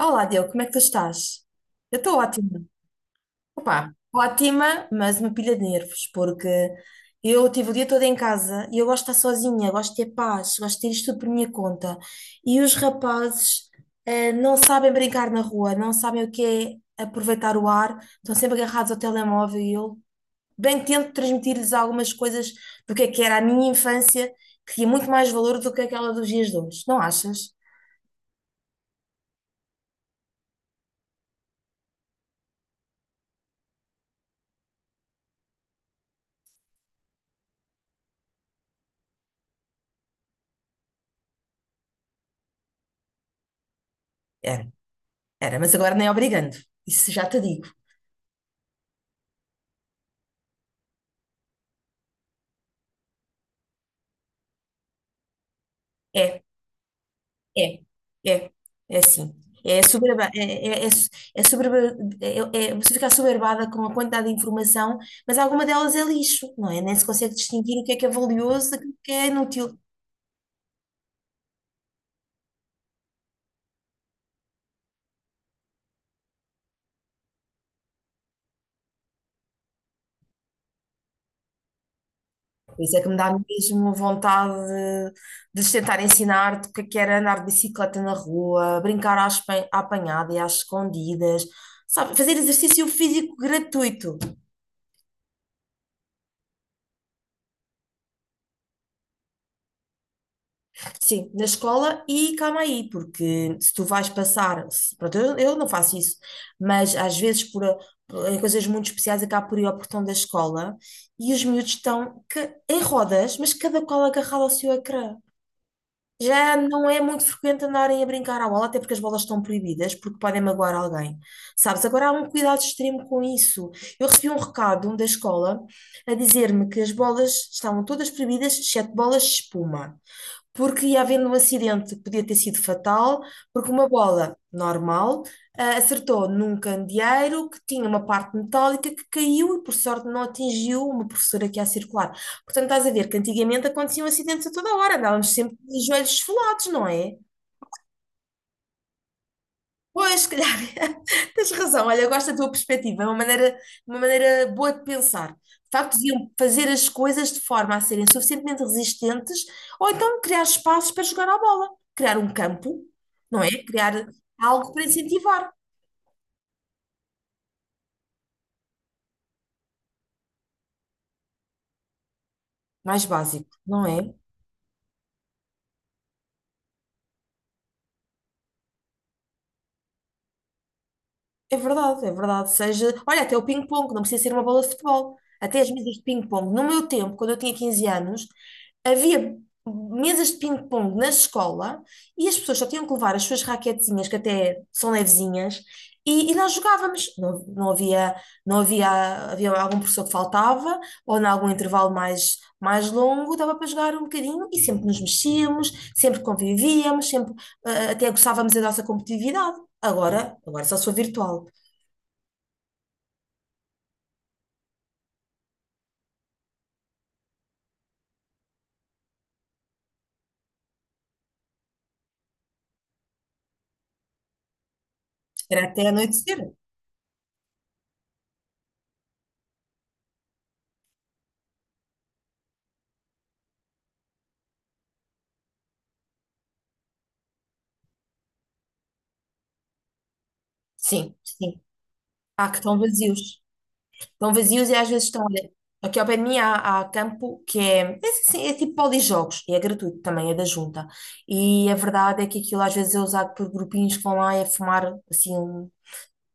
Olá, Diogo, como é que tu estás? Eu estou ótima. Opa, ótima, mas uma pilha de nervos, porque eu tive o dia todo em casa e eu gosto de estar sozinha, gosto de ter paz, gosto de ter isto tudo por minha conta. E os rapazes, não sabem brincar na rua, não sabem o que é aproveitar o ar, estão sempre agarrados ao telemóvel e eu bem tento transmitir-lhes algumas coisas do que é que era a minha infância, que tinha muito mais valor do que aquela dos dias de hoje, não achas? Era, era, mas agora nem obrigando, isso já te digo. É, é, é, é assim. É, soberba, é, é, é, é, soberba- Você fica soberbada com a quantidade de informação, mas alguma delas é lixo, não é? Nem se consegue distinguir o que é valioso daquilo que é inútil. Por isso é que me dá mesmo vontade de lhes tentar ensinar-te o que é que era andar de bicicleta na rua, brincar à apanhada e às escondidas, sabe? Fazer exercício físico gratuito. Sim, na escola e calma aí, porque se tu vais passar, se- pronto, eu não faço isso, mas às vezes em coisas muito especiais acaba por ir ao portão da escola e os miúdos estão em rodas, mas cada qual agarrado ao seu ecrã. Já não é muito frequente andarem a brincar à bola, até porque as bolas estão proibidas, porque podem magoar alguém. Sabes, agora há um cuidado extremo com isso. Eu recebi um recado da escola a dizer-me que as bolas estavam todas proibidas, exceto bolas de espuma, porque ia havendo um acidente que podia ter sido fatal, porque uma bola normal acertou num candeeiro que tinha uma parte metálica que caiu e, por sorte, não atingiu uma professora que ia a circular. Portanto, estás a ver que antigamente aconteciam acidentes a toda hora, andávamos sempre de joelhos esfolados, não é? Pois, se calhar, tens razão. Olha, eu gosto da tua perspectiva, é uma maneira boa de pensar. De facto, deviam fazer as coisas de forma a serem suficientemente resistentes ou então criar espaços para jogar à bola, criar um campo, não é? Criar algo para incentivar, mais básico, não é? É verdade, é verdade. Seja, olha, até o ping-pong, não precisa ser uma bola de futebol. Até as mesas de ping-pong. No meu tempo, quando eu tinha 15 anos, havia mesas de ping-pong na escola e as pessoas só tinham que levar as suas raquetezinhas, que até são levezinhas, e nós jogávamos. Não, não havia, não havia, havia algum professor que faltava, ou em algum intervalo mais longo, dava para jogar um bocadinho e sempre nos mexíamos, sempre convivíamos, sempre, até gostávamos da nossa competitividade. Agora só sou virtual. Era até anoitecer. Sim, sim. Há que estão vazios. Estão vazios e às vezes estão. Olha, aqui ao pé de mim há campo que é, é, assim, é tipo polijogos e é gratuito também, é da junta. E a verdade é que aquilo às vezes é usado por grupinhos que vão lá e a fumar assim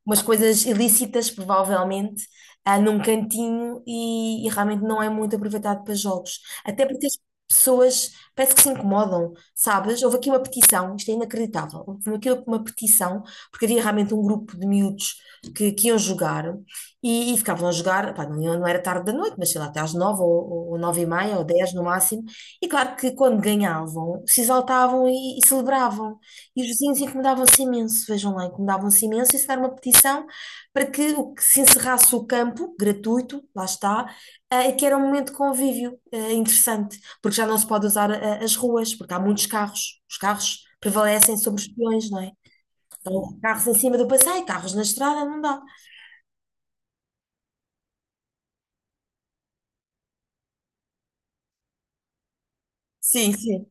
umas coisas ilícitas, provavelmente, num cantinho e realmente não é muito aproveitado para jogos. Até porque as pessoas parece que se incomodam, sabes? Houve aqui uma petição, isto é inacreditável, houve aqui uma petição, porque havia realmente um grupo de miúdos que iam jogar e ficavam a jogar, pá, não, não era tarde da noite, mas sei lá, até às nove ou nove e meia ou dez no máximo, e claro que quando ganhavam, se exaltavam e celebravam. E os vizinhos incomodavam-se imenso, vejam lá, incomodavam-se imenso, e se dar uma petição para que se encerrasse o campo, gratuito, lá está, que era um momento de convívio interessante, porque já não se pode usar as ruas, porque há muitos carros, os carros prevalecem sobre os peões, não é? Então, carros em cima do passeio, carros na estrada, não dá. Sim, sim.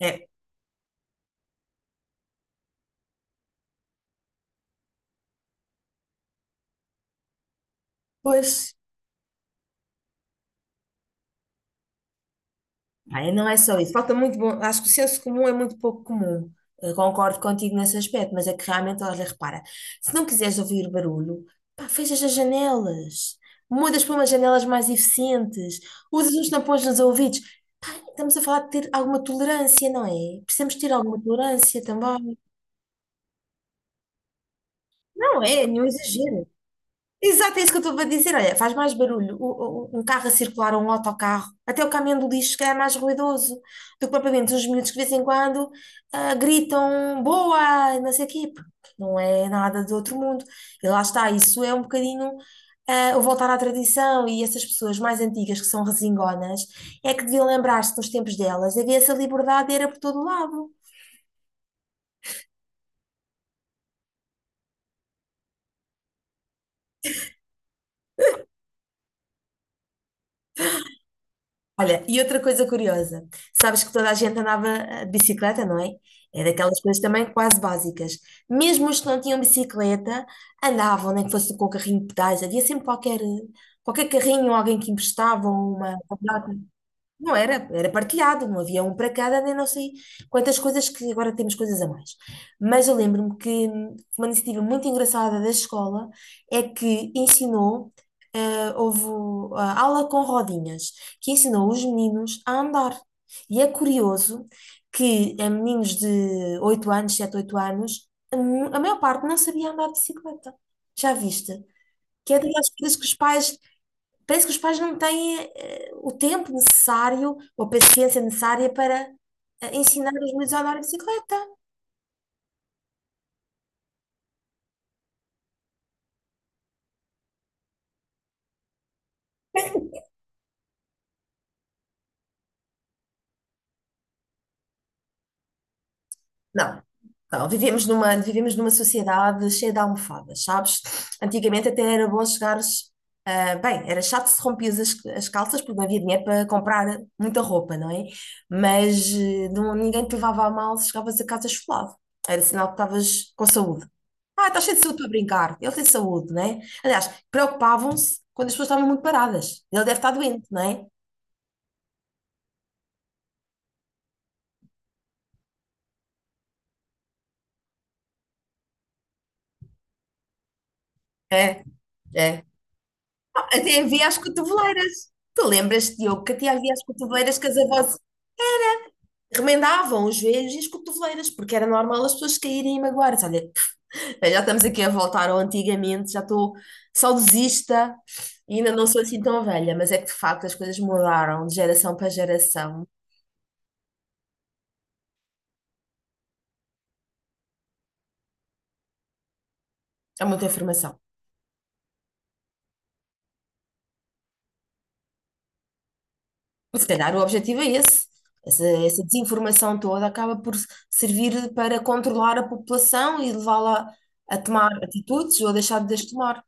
É, pois. Ah, e não é só isso. Falta muito bom. Acho que o senso comum é muito pouco comum. Eu concordo contigo nesse aspecto, mas é que realmente, olha, repara, se não quiseres ouvir barulho, pá, fechas as janelas, mudas para umas janelas mais eficientes, usas uns tampões nos ouvidos. Estamos a falar de ter alguma tolerância, não é? Precisamos ter alguma tolerância também. Não é nenhum exagero. Exato, é isso que eu estou a dizer. Olha, faz mais barulho um carro a circular ou um autocarro. Até o caminhão do lixo que é mais ruidoso do que propriamente os miúdos que de vez em quando gritam boa, não sei o quê, porque não é nada do outro mundo. E lá está, isso é um bocadinho o voltar à tradição e essas pessoas mais antigas que são resingonas é que deviam lembrar-se dos tempos delas. Havia essa liberdade, era por todo lado. Olha, e outra coisa curiosa, sabes que toda a gente andava de bicicleta, não é? É daquelas coisas também quase básicas. Mesmo os que não tinham bicicleta, andavam, nem que fosse com o carrinho de pedais, havia sempre qualquer carrinho, alguém que emprestava uma. Não era, era partilhado, não havia um para cada, nem não sei quantas coisas que agora temos coisas a mais. Mas eu lembro-me que uma iniciativa muito engraçada da escola é que ensinou, houve a aula com rodinhas, que ensinou os meninos a andar. E é curioso que meninos de 8 anos, 7 8 anos, a maior parte não sabia andar de bicicleta. Já viste? Que é daquelas coisas que os pais parece que os pais não têm o tempo necessário ou a paciência necessária para ensinar os miúdos a andar de bicicleta. Não, não, vivemos vivemos numa sociedade cheia de almofadas, sabes? Antigamente até era bom chegares. Ah, bem, era chato se rompias as calças porque não havia dinheiro para comprar muita roupa, não é? Mas não, ninguém te levava a mal se chegavas a casa esfolado. Era sinal que estavas com saúde. Ah, estás cheio de saúde para brincar. Ele tem saúde, não é? Aliás, preocupavam-se quando as pessoas estavam muito paradas. Ele deve estar doente, não é? É, é. Até havia as cotoveleiras. Tu lembras-te, Diogo, que até havia as cotoveleiras que as avós remendavam os joelhos e as cotoveleiras, porque era normal as pessoas caírem e magoarem. Olha, já estamos aqui a voltar ao antigamente, já estou saudosista e ainda não sou assim tão velha, mas é que de facto as coisas mudaram de geração para geração. Há muita informação. E se calhar o objetivo é esse. Essa desinformação toda acaba por servir para controlar a população e levá-la a tomar atitudes ou a deixar de as tomar.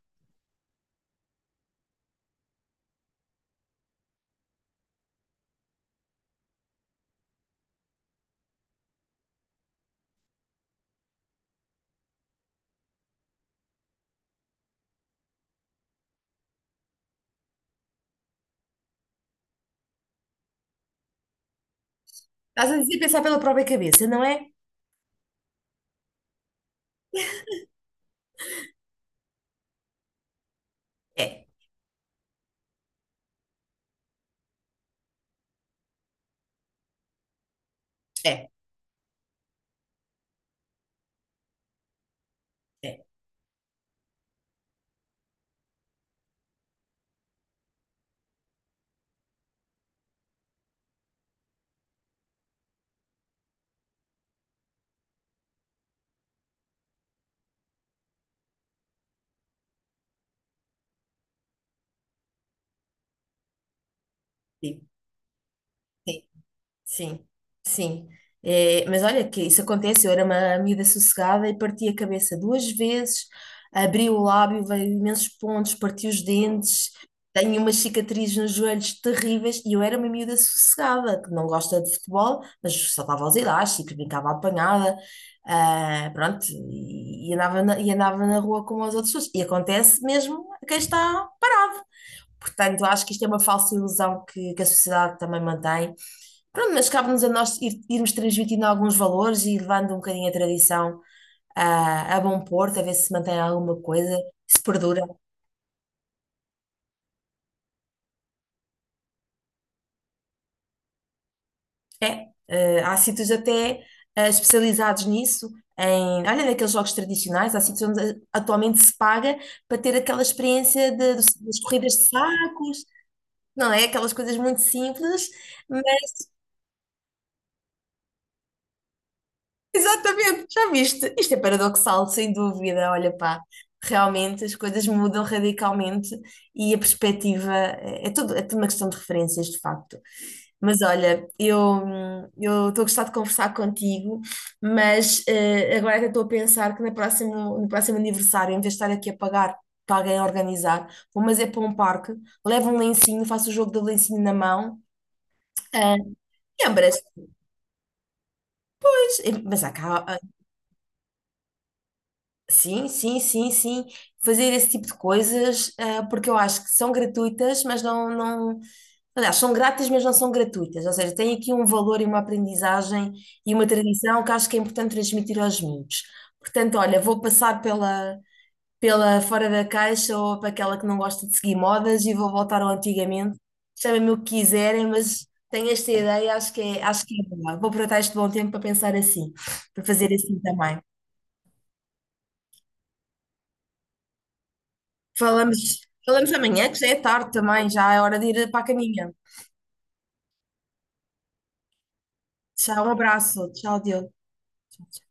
Estás a dizer pensar pela própria cabeça, não é? É, é, é. Sim, sim, sim. Sim. É, mas olha que isso acontece, eu era uma miúda sossegada e parti a cabeça 2 vezes, abri o lábio, veio imensos pontos, parti os dentes, tenho umas cicatrizes nos joelhos terríveis e eu era uma miúda sossegada, que não gosta de futebol, mas saltava aos elásticos, brincava à apanhada, pronto, e andava na rua como as outras pessoas. E acontece mesmo a quem está. Portanto, eu acho que isto é uma falsa ilusão que a sociedade também mantém. Pronto, mas cabe-nos a nós irmos transmitindo alguns valores e levando um bocadinho a tradição a bom porto, a ver se se mantém alguma coisa, se perdura. É, há sítios até especializados nisso, em, olha, naqueles jogos tradicionais, há sítios onde atualmente se paga para ter aquela experiência das corridas de sacos, não é? Aquelas coisas muito simples. Exatamente, já viste? Isto é paradoxal, sem dúvida. Olha, pá, realmente as coisas mudam radicalmente e a perspectiva é tudo uma questão de referências, de facto. Mas olha, eu estou a gostar de conversar contigo, mas agora até estou a pensar que no próximo aniversário, em vez de estar aqui a pagar para alguém organizar, vou mas é para um parque, levo um lencinho, faço o jogo do lencinho na mão. Ah, lembras? Pois, mas há cá... Sim, sim, sim, sim. Fazer esse tipo de coisas, porque eu acho que são gratuitas, mas não, não. Aliás, são grátis, mas não são gratuitas. Ou seja, tem aqui um valor e uma aprendizagem e uma tradição que acho que é importante transmitir aos miúdos. Portanto, olha, vou passar pela fora da caixa ou para aquela que não gosta de seguir modas e vou voltar ao antigamente. Chamem-me o que quiserem, mas tenho esta ideia, acho que é boa. Vou aproveitar este bom tempo para pensar assim, para fazer assim também. Falamos, falamos amanhã, que já é tarde também, já é hora de ir para a caminha. Tchau, um abraço. Tchau, Diogo. Tchau, tchau.